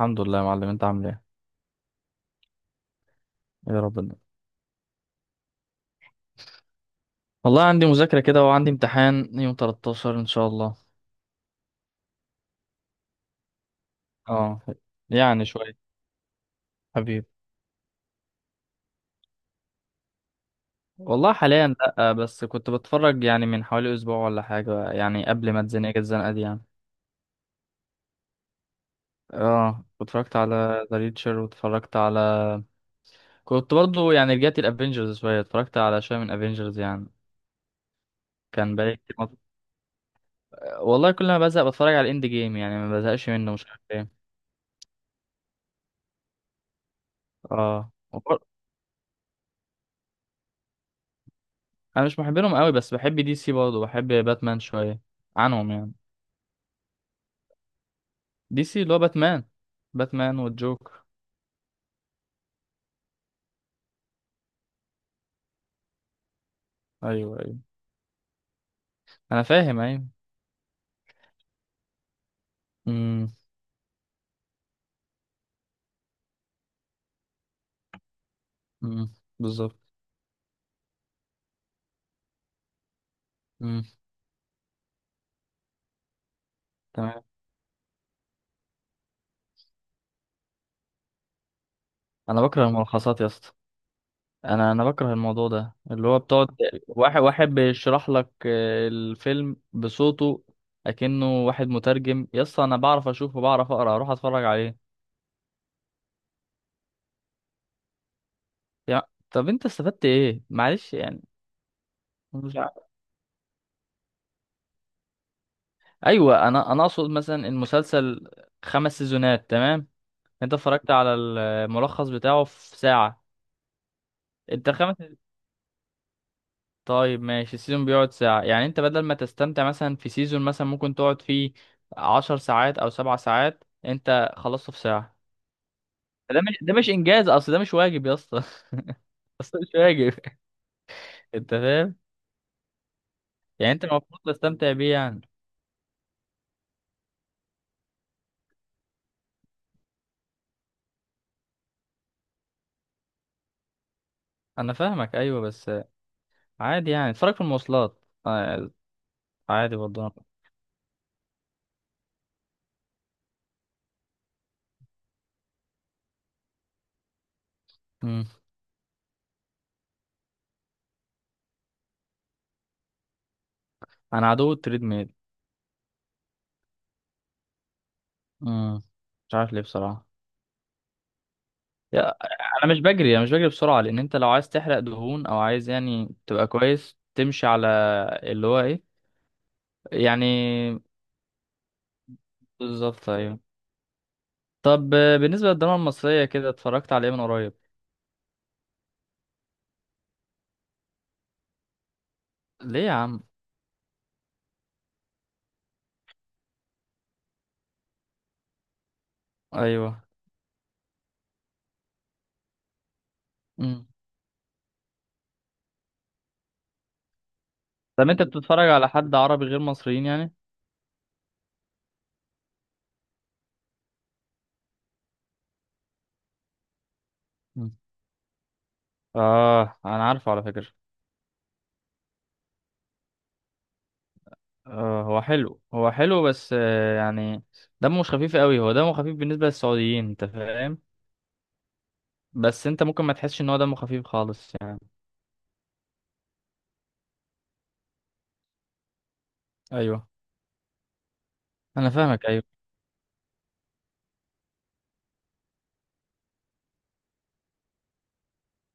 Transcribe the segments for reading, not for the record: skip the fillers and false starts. الحمد لله يا معلم، انت عامل ايه؟ يا ربنا. والله عندي مذاكرة كده، وعندي امتحان يوم 13 ان شاء الله. اه. يعني شوية. حبيبي. والله حاليا لا، بس كنت بتفرج يعني من حوالي اسبوع ولا حاجة، يعني قبل ما اتزنق الزنقة دي يعني. اه، اتفرجت على ذا ريتشر واتفرجت على. كنت برضو يعني رجعت الافينجرز شوية، اتفرجت على شوية من افينجرز يعني. كان بقالي كتير والله كل ما بزهق بتفرج على الاند جيم، يعني ما بزهقش منه، مش عارف ايه. اه، انا مش محب لهم قوي بس بحب دي سي برضه، بحب باتمان شويه عنهم يعني. دي سي اللي هو باتمان. باتمان والجوكر. ايوه، ايوه، انا فاهم، ايوه. امم امم بالظبط. امم تمام. انا بكره الملخصات يا اسطى. انا بكره الموضوع ده اللي هو بتقعد واحد واحد بيشرح لك الفيلم بصوته. اكنه واحد مترجم يا اسطى، انا بعرف اشوف وبعرف اقرا اروح اتفرج عليه. يا. طب انت استفدت ايه معلش يعني. ايوه، انا اقصد مثلا المسلسل. خمس سيزونات تمام. انت اتفرجت على الملخص بتاعه في ساعة. انت خمس. طيب ماشي، السيزون بيقعد ساعة، يعني انت بدل ما تستمتع مثلا في سيزون مثلا ممكن تقعد فيه 10 ساعات او 7 ساعات انت خلصته في ساعة. ده مش انجاز، اصل ده مش واجب يا اسطى اصل مش واجب. انت فاهم. يعني انت المفروض تستمتع بيه يعني. انا فاهمك، ايوه بس عادي يعني اتفرج في المواصلات. عادي برضه. أمم. انا عدو التريد. امم مش عارف ليه بصراحة. يا. انا مش بجري بسرعة، لان انت لو عايز تحرق دهون او عايز يعني تبقى كويس تمشي على اللي هو ايه يعني بالظبط ايوه. طب بالنسبة للدراما المصرية كده، اتفرجت على ايه من قريب؟ ليه يا عم؟ ايوه. امم. طب انت بتتفرج على حد عربي غير مصريين يعني؟ مم. اه، انا عارفه على فكرة. آه، هو حلو، هو حلو بس يعني دمه مش خفيف قوي، هو دمه خفيف بالنسبة للسعوديين، انت فاهم. بس انت ممكن ما تحسش ان هو دمه خفيف خالص يعني. ايوه. انا فاهمك، ايوه.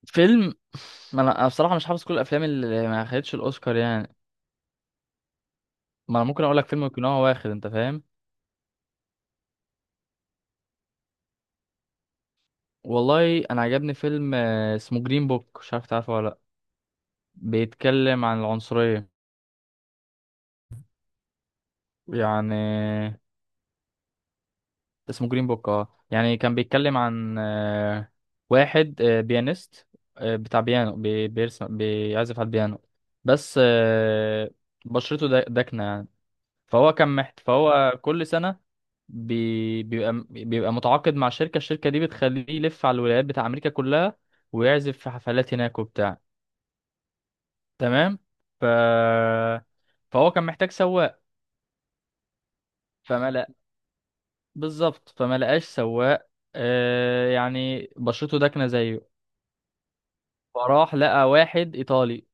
فيلم. ما أنا بصراحه مش حافظ كل الافلام اللي ما خدتش الاوسكار يعني. ما انا ممكن اقول لك فيلم يكون هو واخد، انت فاهم. والله انا عجبني فيلم اسمه جرين بوك، مش عارف تعرفه ولا لا؟ بيتكلم عن العنصريه يعني. اسمه جرين بوك، يعني كان بيتكلم عن واحد بيانيست، بتاع بيانو بيرسم، بيعزف على البيانو. بس بشرته داكنه يعني. فهو كان محت فهو كل سنة بيبقى متعاقد مع الشركة دي، بتخليه يلف على الولايات بتاع أمريكا كلها، ويعزف في حفلات هناك وبتاع. تمام. ف... فهو كان محتاج سواق. فما لق... بالظبط، فما لقاش سواق. يعني بشرته داكنة زيه، فراح لقى واحد إيطالي.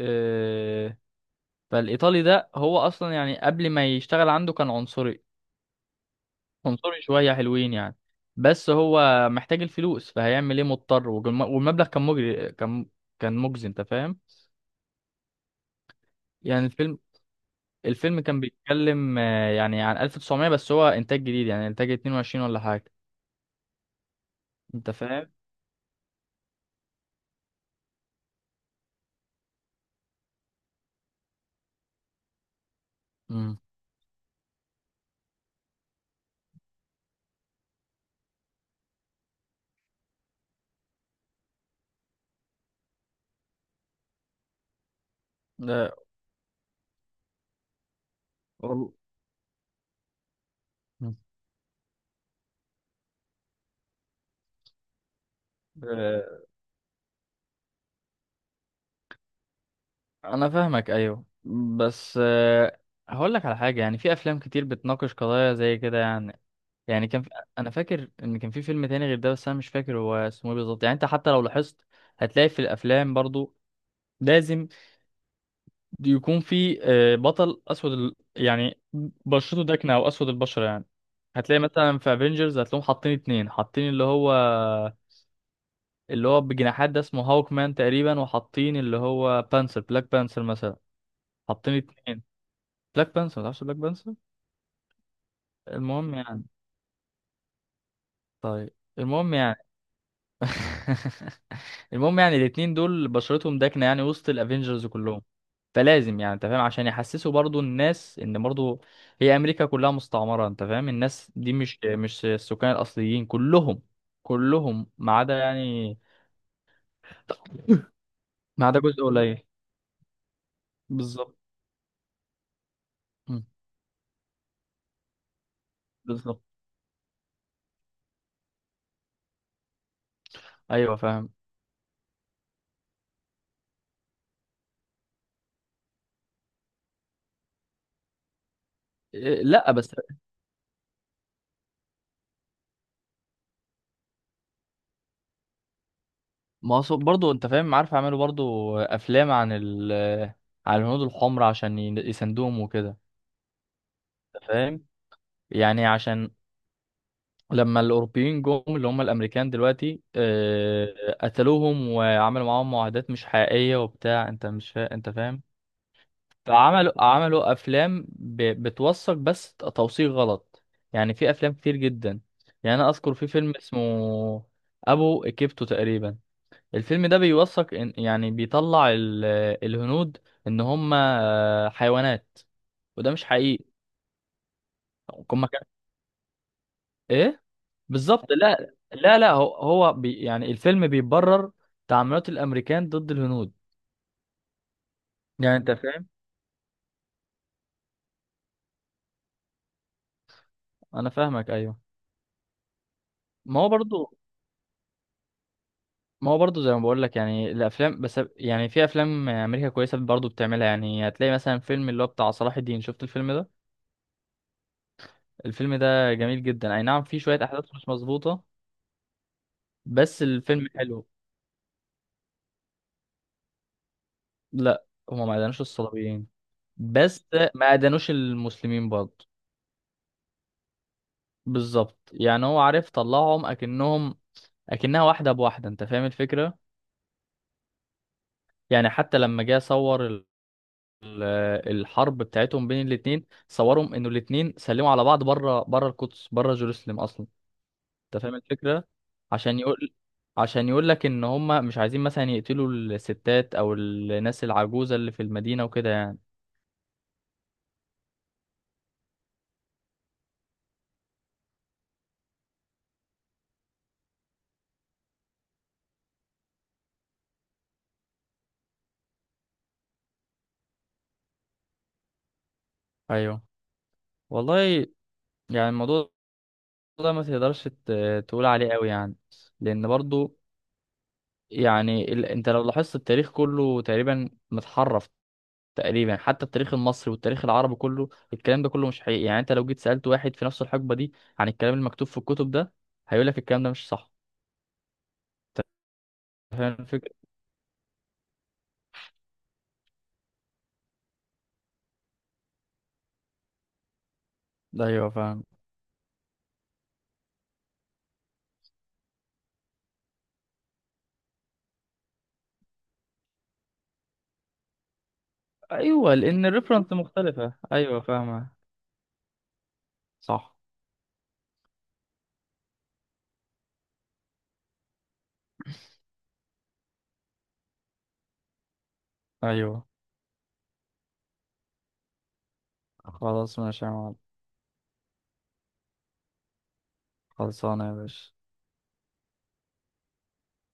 آه فالإيطالي ده هو أصلا يعني قبل ما يشتغل عنده كان عنصري، عنصري شوية حلوين يعني. بس هو محتاج الفلوس، فهيعمل ايه، مضطر. والمبلغ كان مجري كان كان مجزي انت فاهم. يعني الفيلم، الفيلم كان بيتكلم يعني عن 1900، بس هو انتاج جديد، يعني انتاج 22 ولا حاجة، انت فاهم. امم ده. وال- مم. آه، انا فاهمك، ايوه بس هقول لك على حاجة، يعني في افلام كتير بتناقش قضايا زي كده يعني. يعني كان في... انا فاكر ان كان في فيلم تاني غير ده، بس انا مش فاكر هو اسمه ايه بالظبط، يعني انت حتى لو لاحظت هتلاقي في الافلام برضو لازم يكون في بطل اسود يعني بشرته داكنه او اسود البشره يعني. هتلاقي مثلا في افنجرز هتلاقيهم حاطين اتنين، حاطين اللي هو اللي هو بجناحات ده اسمه هاوك مان تقريبا، وحاطين اللي هو بلاك بانسر مثلا. حاطين اتنين. بلاك بانسر، متعرفش بلاك بانسر؟ المهم يعني. طيب المهم يعني المهم يعني الاتنين دول بشرتهم داكنة يعني وسط الافينجرز كلهم. فلازم يعني، انت فاهم، عشان يحسسوا برضو الناس ان برضو هي امريكا كلها مستعمرة، انت فاهم، الناس دي مش السكان الاصليين كلهم. كلهم ما عدا يعني، ما عدا جزء قليل. بالظبط. مم. بالظبط، ايوه فاهم. إيه، لا بس ما هو برضو انت فاهم، عارف يعملوا برضو افلام عن عن الهنود الحمر عشان يساندوهم وكده، انت فاهم. يعني عشان لما الأوروبيين جم، اللي هم الأمريكان دلوقتي، قتلوهم وعملوا معاهم معاهدات مش حقيقية وبتاع، أنت مش فا... أنت فاهم. عملوا أفلام بتوثق، بس توثيق غلط. يعني في أفلام كتير جدا، يعني أنا أذكر في فيلم اسمه أبو إيكيبتو تقريبا. الفيلم ده بيوثق يعني بيطلع الهنود إن هم حيوانات، وده مش حقيقي. هم كان إيه. بالظبط، لا، لا، لا، هو يعني الفيلم بيبرر تعاملات الامريكان ضد الهنود، يعني انت فاهم. انا فاهمك، ايوه. ما هو برضو ما هو برضو زي ما بقول لك، يعني الافلام، بس يعني في افلام امريكا كويسه برضو بتعملها، يعني هتلاقي مثلا فيلم اللي هو بتاع صلاح الدين، شفت الفيلم ده؟ الفيلم ده جميل جدا، اي نعم فيه شويه احداث مش مظبوطه بس الفيلم حلو. لا هما ما ادانوش الصليبيين، بس ما ادانوش المسلمين برضو. بالظبط، يعني هو عارف طلعهم اكنهم، اكنها واحده بواحده، انت فاهم الفكره. يعني حتى لما جه صور ال- الحرب بتاعتهم بين الاتنين، صورهم انه الاتنين سلموا على بعض بره بره القدس، بره جيروسلم اصلا. انت فاهم الفكره. عشان يقول عشان يقول لك ان هم مش عايزين مثلا يقتلوا الستات او الناس العجوزه اللي في المدينه وكده يعني. ايوه. والله يعني الموضوع ده ما تقدرش تقول عليه قوي يعني. لان برضو يعني انت لو لاحظت التاريخ كله تقريبا متحرف. تقريبا حتى التاريخ المصري والتاريخ العربي كله، الكلام ده كله مش حقيقي، يعني انت لو جيت سألت واحد في نفس الحقبة دي عن الكلام المكتوب في الكتب ده هيقول لك الكلام ده مش صح. فاهم الفكرة. ايوه فاهم، ايوه لان الريفرنس مختلفة، ايوه فاهمة. صح. ايوه، خلاص ماشي يا معلم. خلصانه يا باشا.